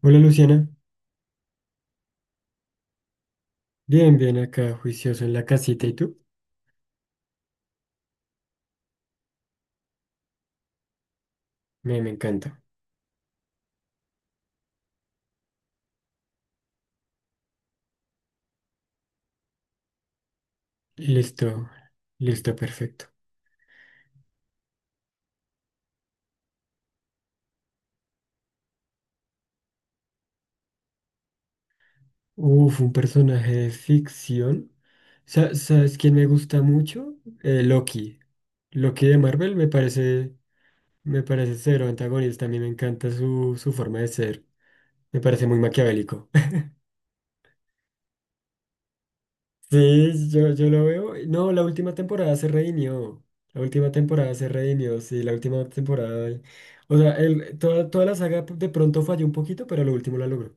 Hola Luciana, bien, bien acá, juicioso en la casita, ¿y tú? Me encanta. Listo, listo, perfecto. Uf, un personaje de ficción. ¿Sabes quién me gusta mucho? Loki. Loki de Marvel me parece cero antagonista, a mí me encanta su forma de ser. Me parece muy maquiavélico. Sí, yo lo veo. No, la última temporada se redimió. La última temporada se redimió, sí, la última temporada. O sea, toda la saga de pronto falló un poquito, pero lo último la logró.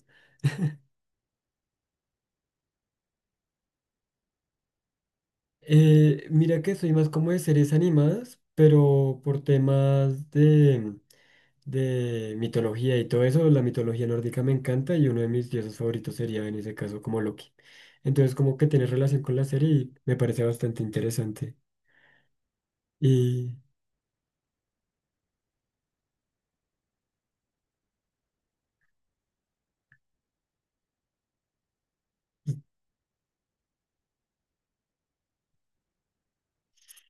Mira que soy más como de series animadas, pero por temas de mitología y todo eso, la mitología nórdica me encanta y uno de mis dioses favoritos sería en ese caso como Loki. Entonces como que tiene relación con la serie y me parece bastante interesante. Y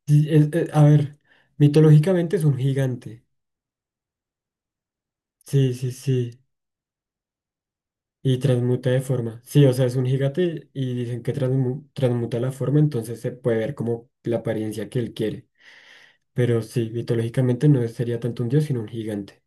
Sí, a ver, mitológicamente es un gigante. Sí, sí, sí. Y transmuta de forma. Sí, o sea, es un gigante y dicen que transmuta la forma, entonces se puede ver como la apariencia que él quiere. Pero sí, mitológicamente no sería tanto un dios, sino un gigante.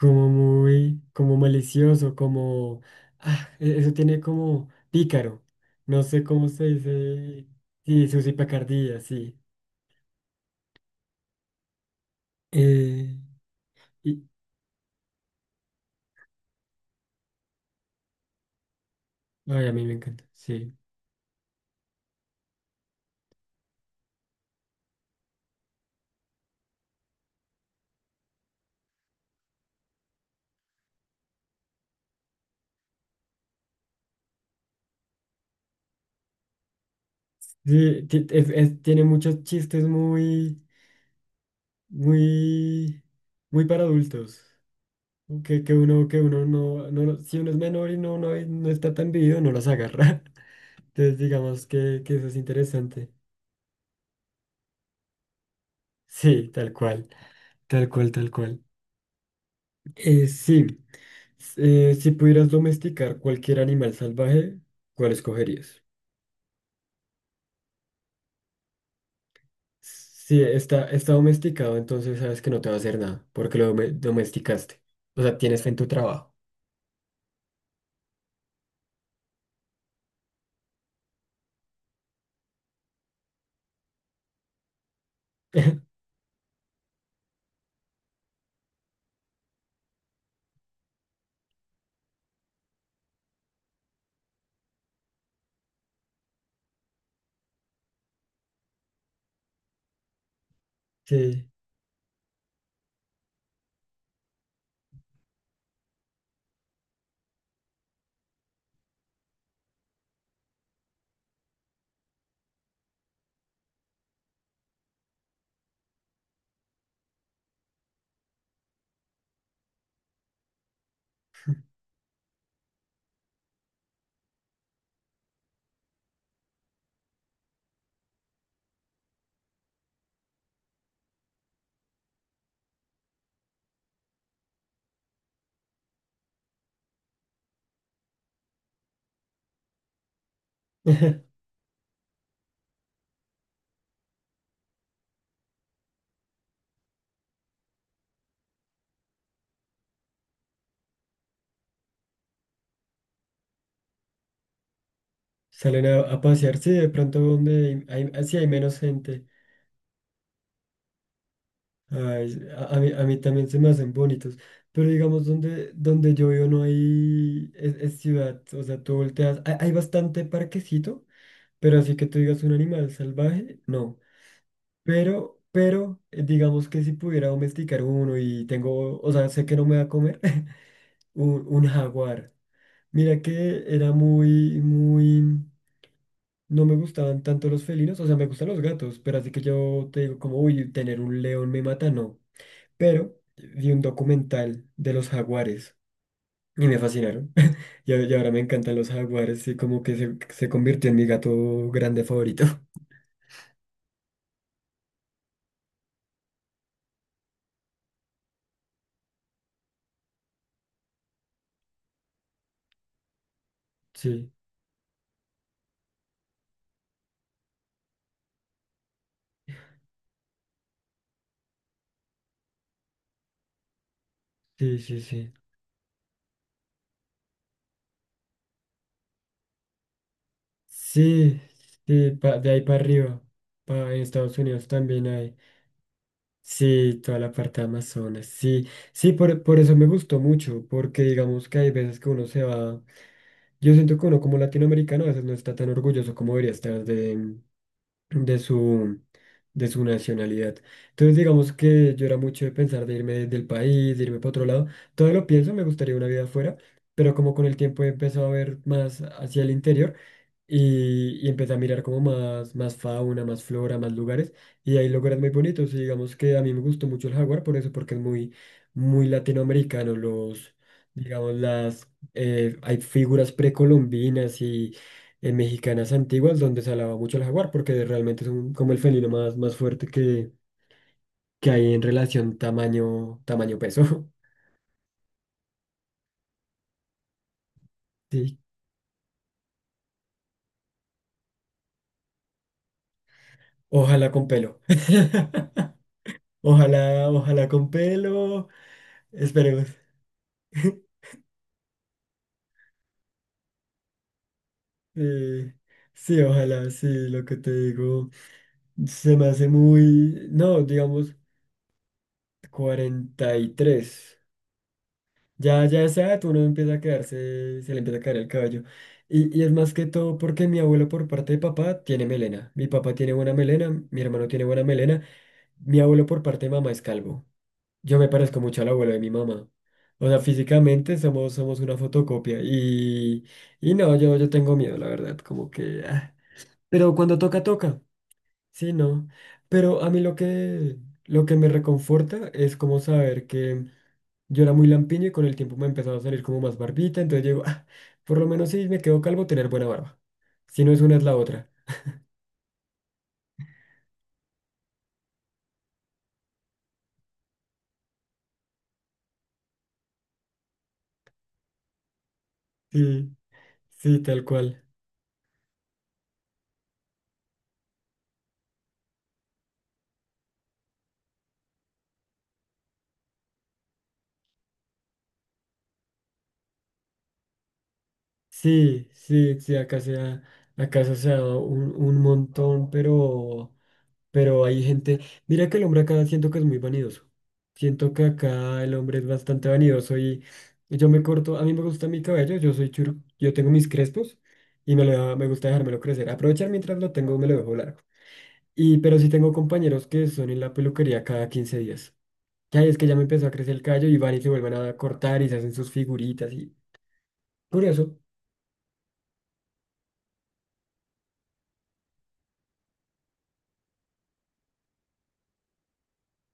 Como muy, como malicioso, como. Eso tiene como pícaro. No sé cómo se dice. Sí, su picardía, sí. Eh, y... Ay, a mí me encanta, sí. Sí, tiene muchos chistes muy, muy, muy para adultos. Que uno no, no, si uno es menor y no, no, no está tan vivido, no los agarra. Entonces, digamos que eso es interesante. Sí, tal cual, tal cual, tal cual. Sí, s- si pudieras domesticar cualquier animal salvaje, ¿cuál escogerías? Si está domesticado, entonces sabes que no te va a hacer nada, porque lo domesticaste. O sea, tienes fe en tu trabajo. Sí. Salen a pasear, sí, de pronto donde hay sí hay menos gente. Ay, a mí también se me hacen bonitos. Pero digamos, donde yo vivo no hay es ciudad. O sea, tú volteas. Hay bastante parquecito, pero así que tú digas un animal salvaje, no. Pero, digamos que si pudiera domesticar uno y tengo, o sea, sé que no me va a comer, un jaguar. Mira que era muy, muy. No me gustaban tanto los felinos, o sea, me gustan los gatos, pero así que yo te digo como, uy, tener un león me mata, no. Pero vi un documental de los jaguares y me fascinaron. Y ahora me encantan los jaguares y como que se convirtió en mi gato grande favorito. Sí, sí, sí, sí. Sí, sí, de ahí para arriba. En Estados Unidos también hay. Sí, toda la parte de Amazonas. Sí, sí, por eso me gustó mucho, porque digamos que hay veces que uno se va. Yo siento que uno como latinoamericano a veces no está tan orgulloso como debería estar de su, de su nacionalidad. Entonces digamos que yo era mucho de pensar de irme del país, de irme para otro lado. Todo lo pienso, me gustaría una vida afuera, pero como con el tiempo he empezado a ver más hacia el interior y empecé a mirar como más fauna, más flora, más lugares, y hay lugares muy bonitos, y digamos que a mí me gustó mucho el jaguar por eso, porque es muy, muy latinoamericano, digamos, hay figuras precolombinas y mexicanas antiguas donde se alaba mucho el jaguar, porque realmente como el felino más fuerte que hay en relación tamaño, peso. sí, ojalá con pelo. Ojalá, ojalá con pelo. Esperemos. Eh, sí, ojalá, sí, lo que te digo se me hace muy, no, digamos 43. Ya, ya a esa edad uno empieza a quedarse, se le empieza a caer el cabello. Y es más que todo porque mi abuelo por parte de papá tiene melena. Mi papá tiene buena melena, mi hermano tiene buena melena, mi abuelo por parte de mamá es calvo. Yo me parezco mucho al abuelo de mi mamá. O sea, físicamente somos una fotocopia. Y no, yo tengo miedo, la verdad, como que... ah. Pero cuando toca, toca. Sí, no. Pero a mí lo que me reconforta es como saber que yo era muy lampiño y con el tiempo me empezaba a salir como más barbita. Entonces yo digo, "Ah, por lo menos si me quedo calvo, tener buena barba. Si no es una, es la otra. Sí, sí, tal cual. Sí, sí, sí, acá eso se ha dado un montón, pero. Pero hay gente, mira que el hombre acá siento que es muy vanidoso. Siento que acá el hombre es bastante vanidoso y yo me corto, a mí me gusta mi cabello, yo soy churu, yo tengo mis crespos y me gusta dejármelo crecer. Aprovechar mientras lo tengo, me lo dejo largo. Y pero sí tengo compañeros que son en la peluquería cada 15 días. Ya es que ya me empezó a crecer el cabello y van y se vuelven a cortar y se hacen sus figuritas y curioso,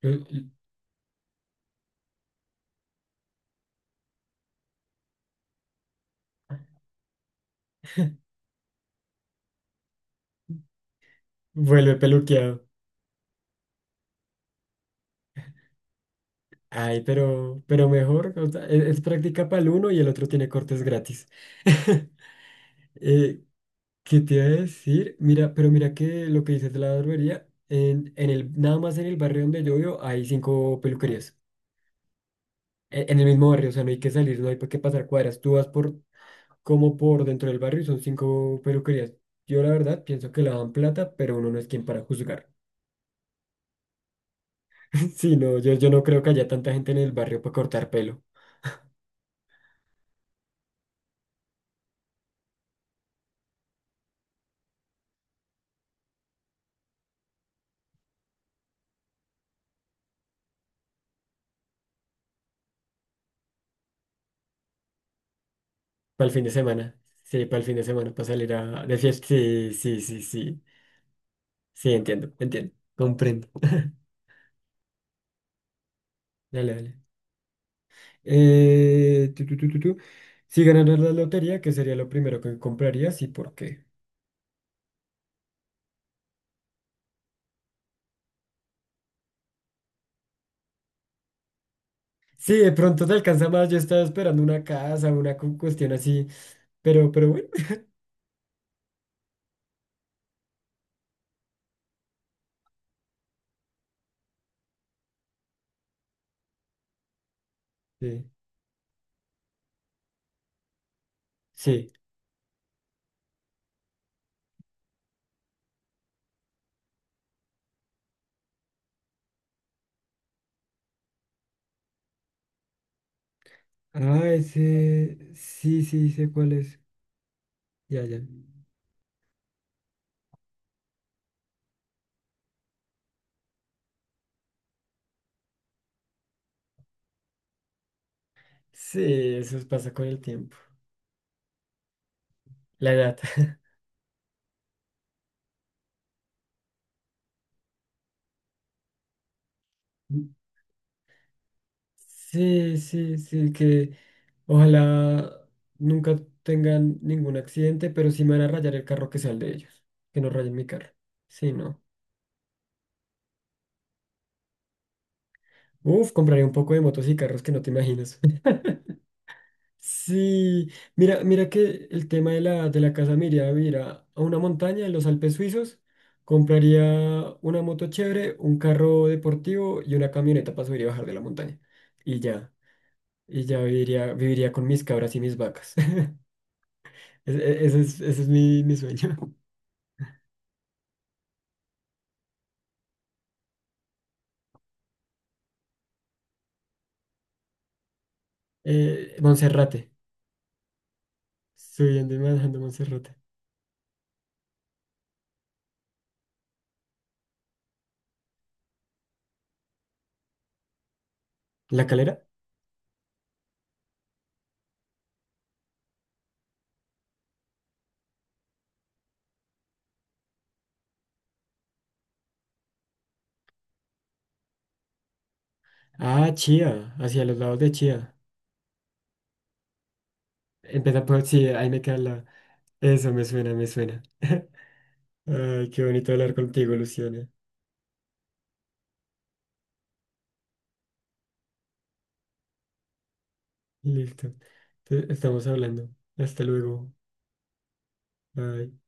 eh, vuelve peluqueado. Ay, pero mejor, o sea, es práctica para el uno y el otro tiene cortes gratis. Eh, ¿Qué te iba a decir? Mira, pero mira que lo que dices de la barbería, nada más en el barrio donde yo vivo hay cinco peluquerías. En el mismo barrio, o sea, no hay que salir, no hay que pasar cuadras. Tú vas como por dentro del barrio y son cinco peluquerías. Yo la verdad pienso que lavan plata, pero uno no es quien para juzgar. Sí, no, yo no creo que haya tanta gente en el barrio para cortar pelo. Para el fin de semana. Sí, para el fin de semana, para salir de fiesta. Sí, sí, sí, sí. Sí, entiendo, entiendo. Comprendo. Dale, dale. Tu, tu, tu, tu, tu. Si ganaras la lotería, ¿qué sería lo primero que comprarías y por qué? Sí, de pronto te alcanza más. Yo estaba esperando una casa, una cuestión así. Pero, bueno. Sí, sí. Ah, ese. Sí, sí, sé cuál es. Ya, ya. Sí, eso pasa con el tiempo. La edad. Sí, sí, sí, que ojalá nunca tengan ningún accidente, pero sí me van a rayar el carro que sea el de ellos. Que no rayen mi carro. Sí, no. Uf, compraré un poco de motos y carros que no te imaginas. Sí, mira, mira que el tema de la, casa me iría a vivir a una montaña en los Alpes suizos. Compraría una moto chévere, un carro deportivo y una camioneta para subir y bajar de la montaña. Y ya, y ya, viviría con mis cabras y mis vacas. Ese es mi sueño. Monserrate. Subiendo y bajando Monserrate. ¿La Calera? Ah, Chía. Hacia los lados de Chía. Empieza por sí, ahí me queda la. Eso me suena, me suena. Ay, qué bonito hablar contigo, Luciana. Listo. Estamos hablando. Hasta luego. Bye.